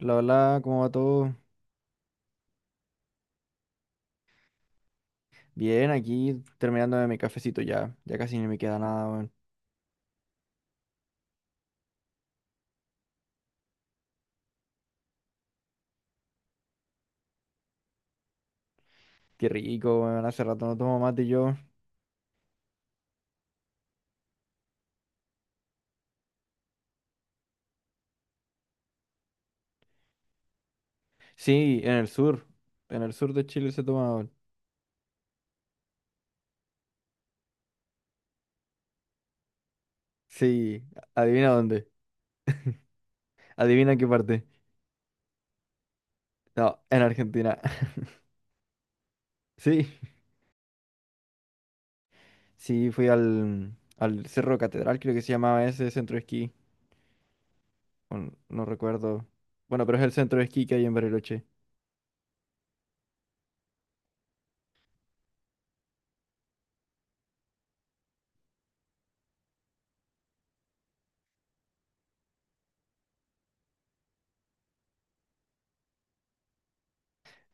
Hola, hola, ¿cómo va todo? Bien, aquí terminando de mi cafecito ya. Ya casi ni me queda nada, weón. Qué rico, weón. Hace rato no tomo mate yo. Sí, en el sur. En el sur de Chile se toma, weón. Sí, adivina dónde. Adivina qué parte. No, en Argentina. Sí, sí, fui al Cerro Catedral, creo que se llamaba ese centro de esquí. No recuerdo. Bueno, pero es el centro de esquí que hay en Bariloche.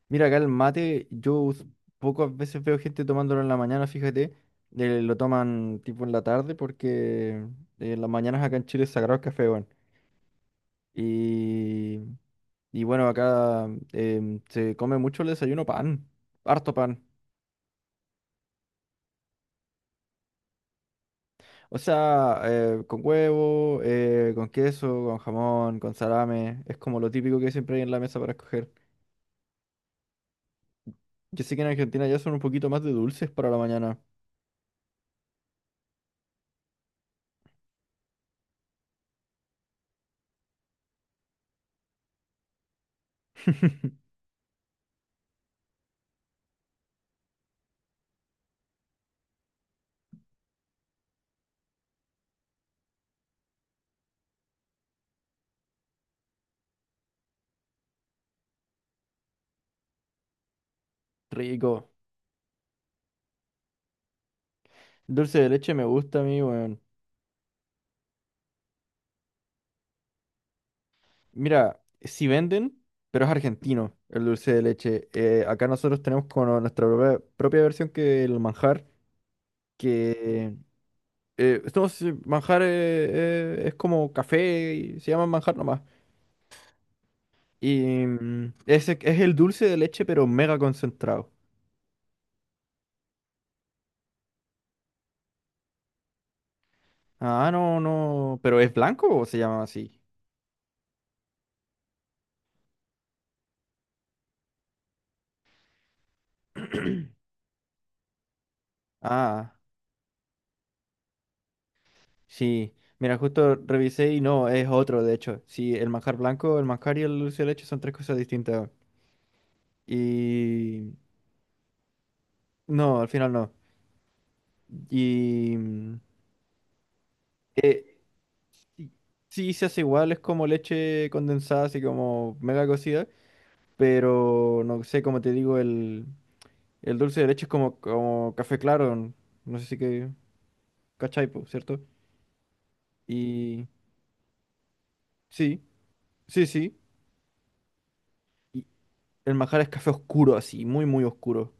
Mira, acá el mate, pocas veces veo gente tomándolo en la mañana, fíjate, lo toman tipo en la tarde porque en las mañanas acá en Chile es sagrado el café, weón. Y, y bueno, acá se come mucho el desayuno pan, harto pan. O sea, con huevo, con queso, con jamón, con salame, es como lo típico que siempre hay en la mesa para escoger. Yo sé que en Argentina ya son un poquito más de dulces para la mañana. Rico. Dulce de leche me gusta a mí, weón. Mira, si venden, pero es argentino el dulce de leche. Acá nosotros tenemos como nuestra propia versión que el manjar, que manjar es como café y se llama manjar nomás. Y ese es el dulce de leche, pero mega concentrado. Ah, no, no, pero ¿es blanco o se llama así? Ah, sí. Mira, justo revisé y no, es otro, de hecho. Sí, el manjar blanco, el manjar y el dulce de leche son tres cosas distintas. Y no, al final no. Y mm, eh, sí se hace igual, es como leche condensada, así como mega cocida, pero no sé, como te digo, el dulce de leche es como, como café claro, no sé si que cachai, po, ¿cierto? Y sí, sí, sí. Y el manjar es café oscuro, así, muy, muy oscuro.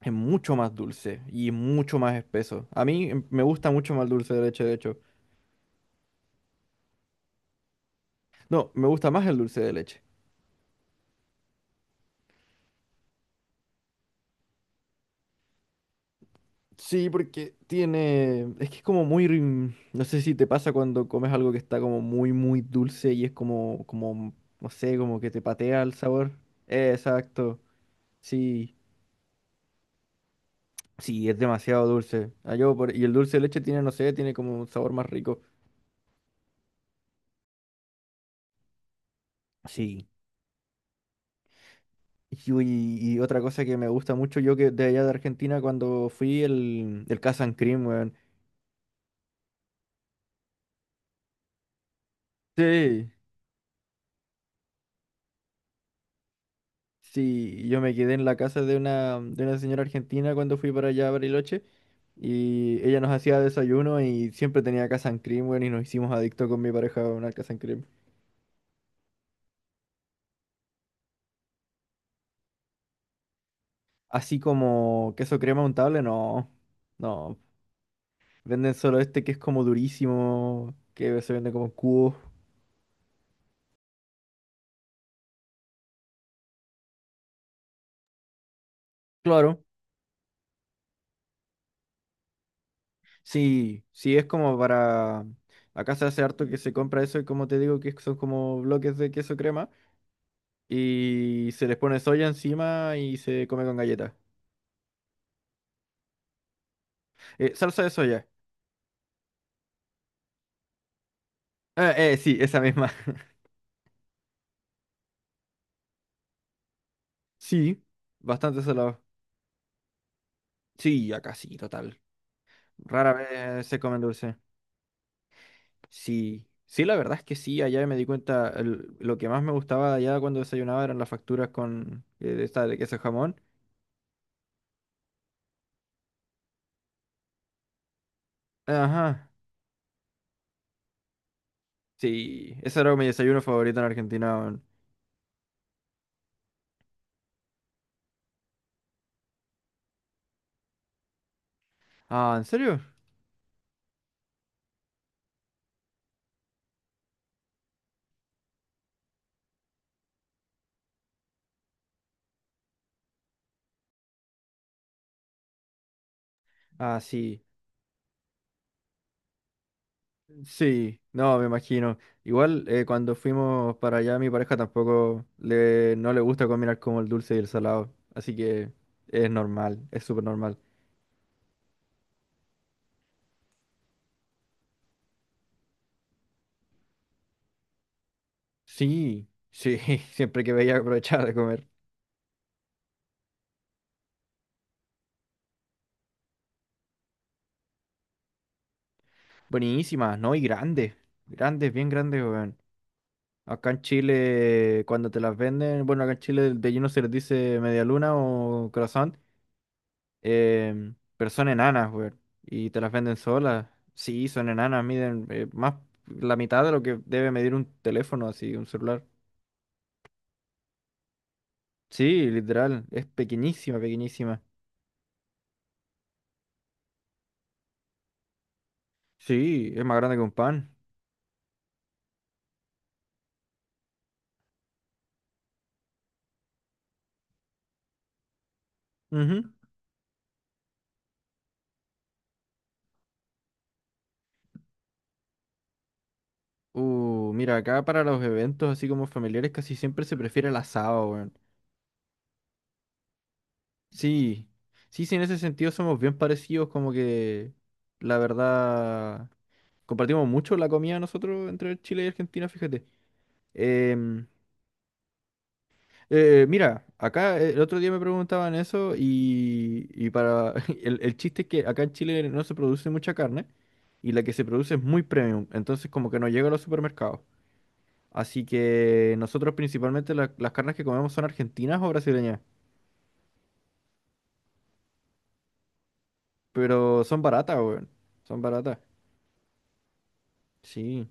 Es mucho más dulce y mucho más espeso. A mí me gusta mucho más el dulce de leche, de hecho. No, me gusta más el dulce de leche. Sí, porque tiene. Es que es como muy. No sé si te pasa cuando comes algo que está como muy, muy dulce y es como, como, no sé, como que te patea el sabor. Exacto. Sí, sí, es demasiado dulce. Y el dulce de leche tiene, no sé, tiene como un sabor más rico. Sí. Y, uy, y otra cosa que me gusta mucho, yo que de allá de Argentina, cuando fui el Casa and Cream, weón. Sí, sí, yo me quedé en la casa de una señora argentina cuando fui para allá a Bariloche. Y ella nos hacía desayuno y siempre tenía Casan Cream, weón, y nos hicimos adictos con mi pareja a una Casan Cream. Así como queso crema untable, no. No. Venden solo este que es como durísimo, que se vende como en cubos. Claro, sí, sí es como para... Acá se hace harto que se compra eso y como te digo que son como bloques de queso crema y se les pone soya encima y se come con galletas. Salsa de soya. Ah, sí, esa misma. Sí, bastante salado. Sí, acá sí, total. Rara vez se comen dulce. Sí, sí, la verdad es que sí, allá me di cuenta, lo que más me gustaba allá cuando desayunaba eran las facturas con de esta de queso jamón. Ajá, sí, ese era mi desayuno favorito en Argentina. Weón. Ah, ¿en serio? Ah, sí, sí, no, me imagino. Igual cuando fuimos para allá, mi pareja tampoco le, no le gusta combinar como el dulce y el salado, así que es normal, es súper normal. Sí, sí, siempre que veía aprovechaba de comer. Buenísimas, ¿no? Y grandes, grandes, bien grandes, weón. Acá en Chile, cuando te las venden, bueno, acá en Chile de lleno se les dice media luna o croissant, pero son enanas, weón. Y te las venden solas. Sí, son enanas, miden más la mitad de lo que debe medir un teléfono, así, un celular. Sí, literal, es pequeñísima, pequeñísima. Sí, es más grande que un pan. Ujú. Mira, acá para los eventos así como familiares casi siempre se prefiere el asado, weón. Sí, sí, sí, en ese sentido somos bien parecidos, como que la verdad compartimos mucho la comida nosotros entre Chile y Argentina, fíjate. Em, Mira, acá el otro día me preguntaban eso y para el chiste es que acá en Chile no se produce mucha carne y la que se produce es muy premium, entonces como que no llega a los supermercados. Así que nosotros principalmente las carnes que comemos son argentinas o brasileñas, pero son baratas, weón. Son baratas. Sí.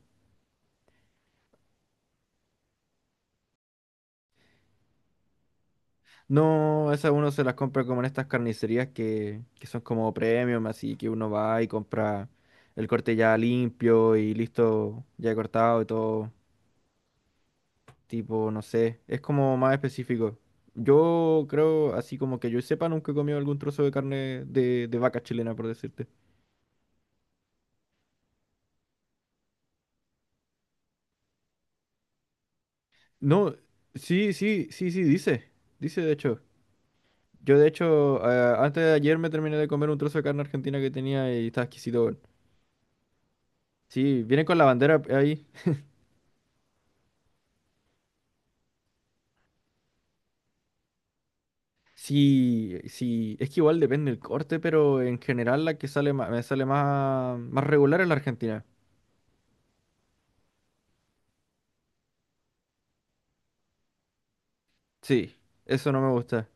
No, esas uno se las compra como en estas carnicerías que son como premium, así que uno va y compra el corte ya limpio y listo, ya cortado y todo. Tipo, no sé, es como más específico. Yo creo, así como que yo sepa, nunca he comido algún trozo de carne de vaca chilena, por decirte. No, sí, sí, sí, sí, dice. Dice, de hecho. Yo de hecho, antes de ayer me terminé de comer un trozo de carne argentina que tenía y estaba exquisito. Weón. Sí, viene con la bandera ahí. Sí, sí, es que igual depende el corte, pero en general la que sale me sale más, más regular es la argentina. Sí, eso no me gusta.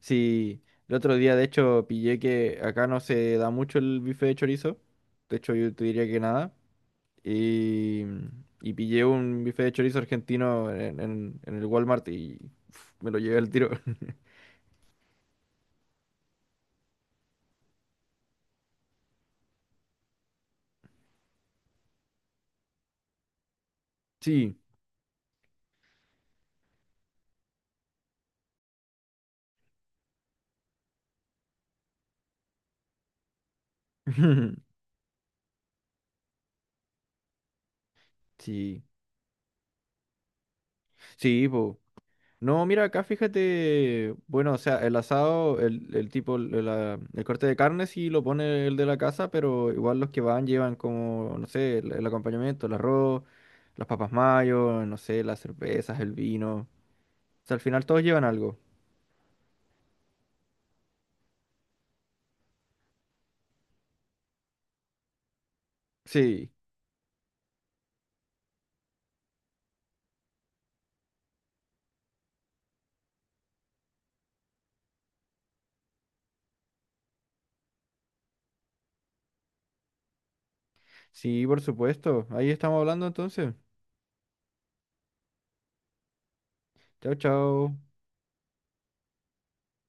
Sí, el otro día de hecho pillé que acá no se da mucho el bife de chorizo. De hecho yo te diría que nada. Y, y pillé un bife de chorizo argentino en el Walmart y uf, me lo llevé al tiro. Sí. Sí, sí, po. No, mira, acá fíjate, bueno, o sea, el asado, el tipo, el corte de carne sí lo pone el de la casa, pero igual los que van llevan como, no sé, el acompañamiento, el arroz, las papas mayo, no sé, las cervezas, el vino. O sea, al final todos llevan algo. Sí, sí, por supuesto. Ahí estamos hablando entonces. Chao, chao.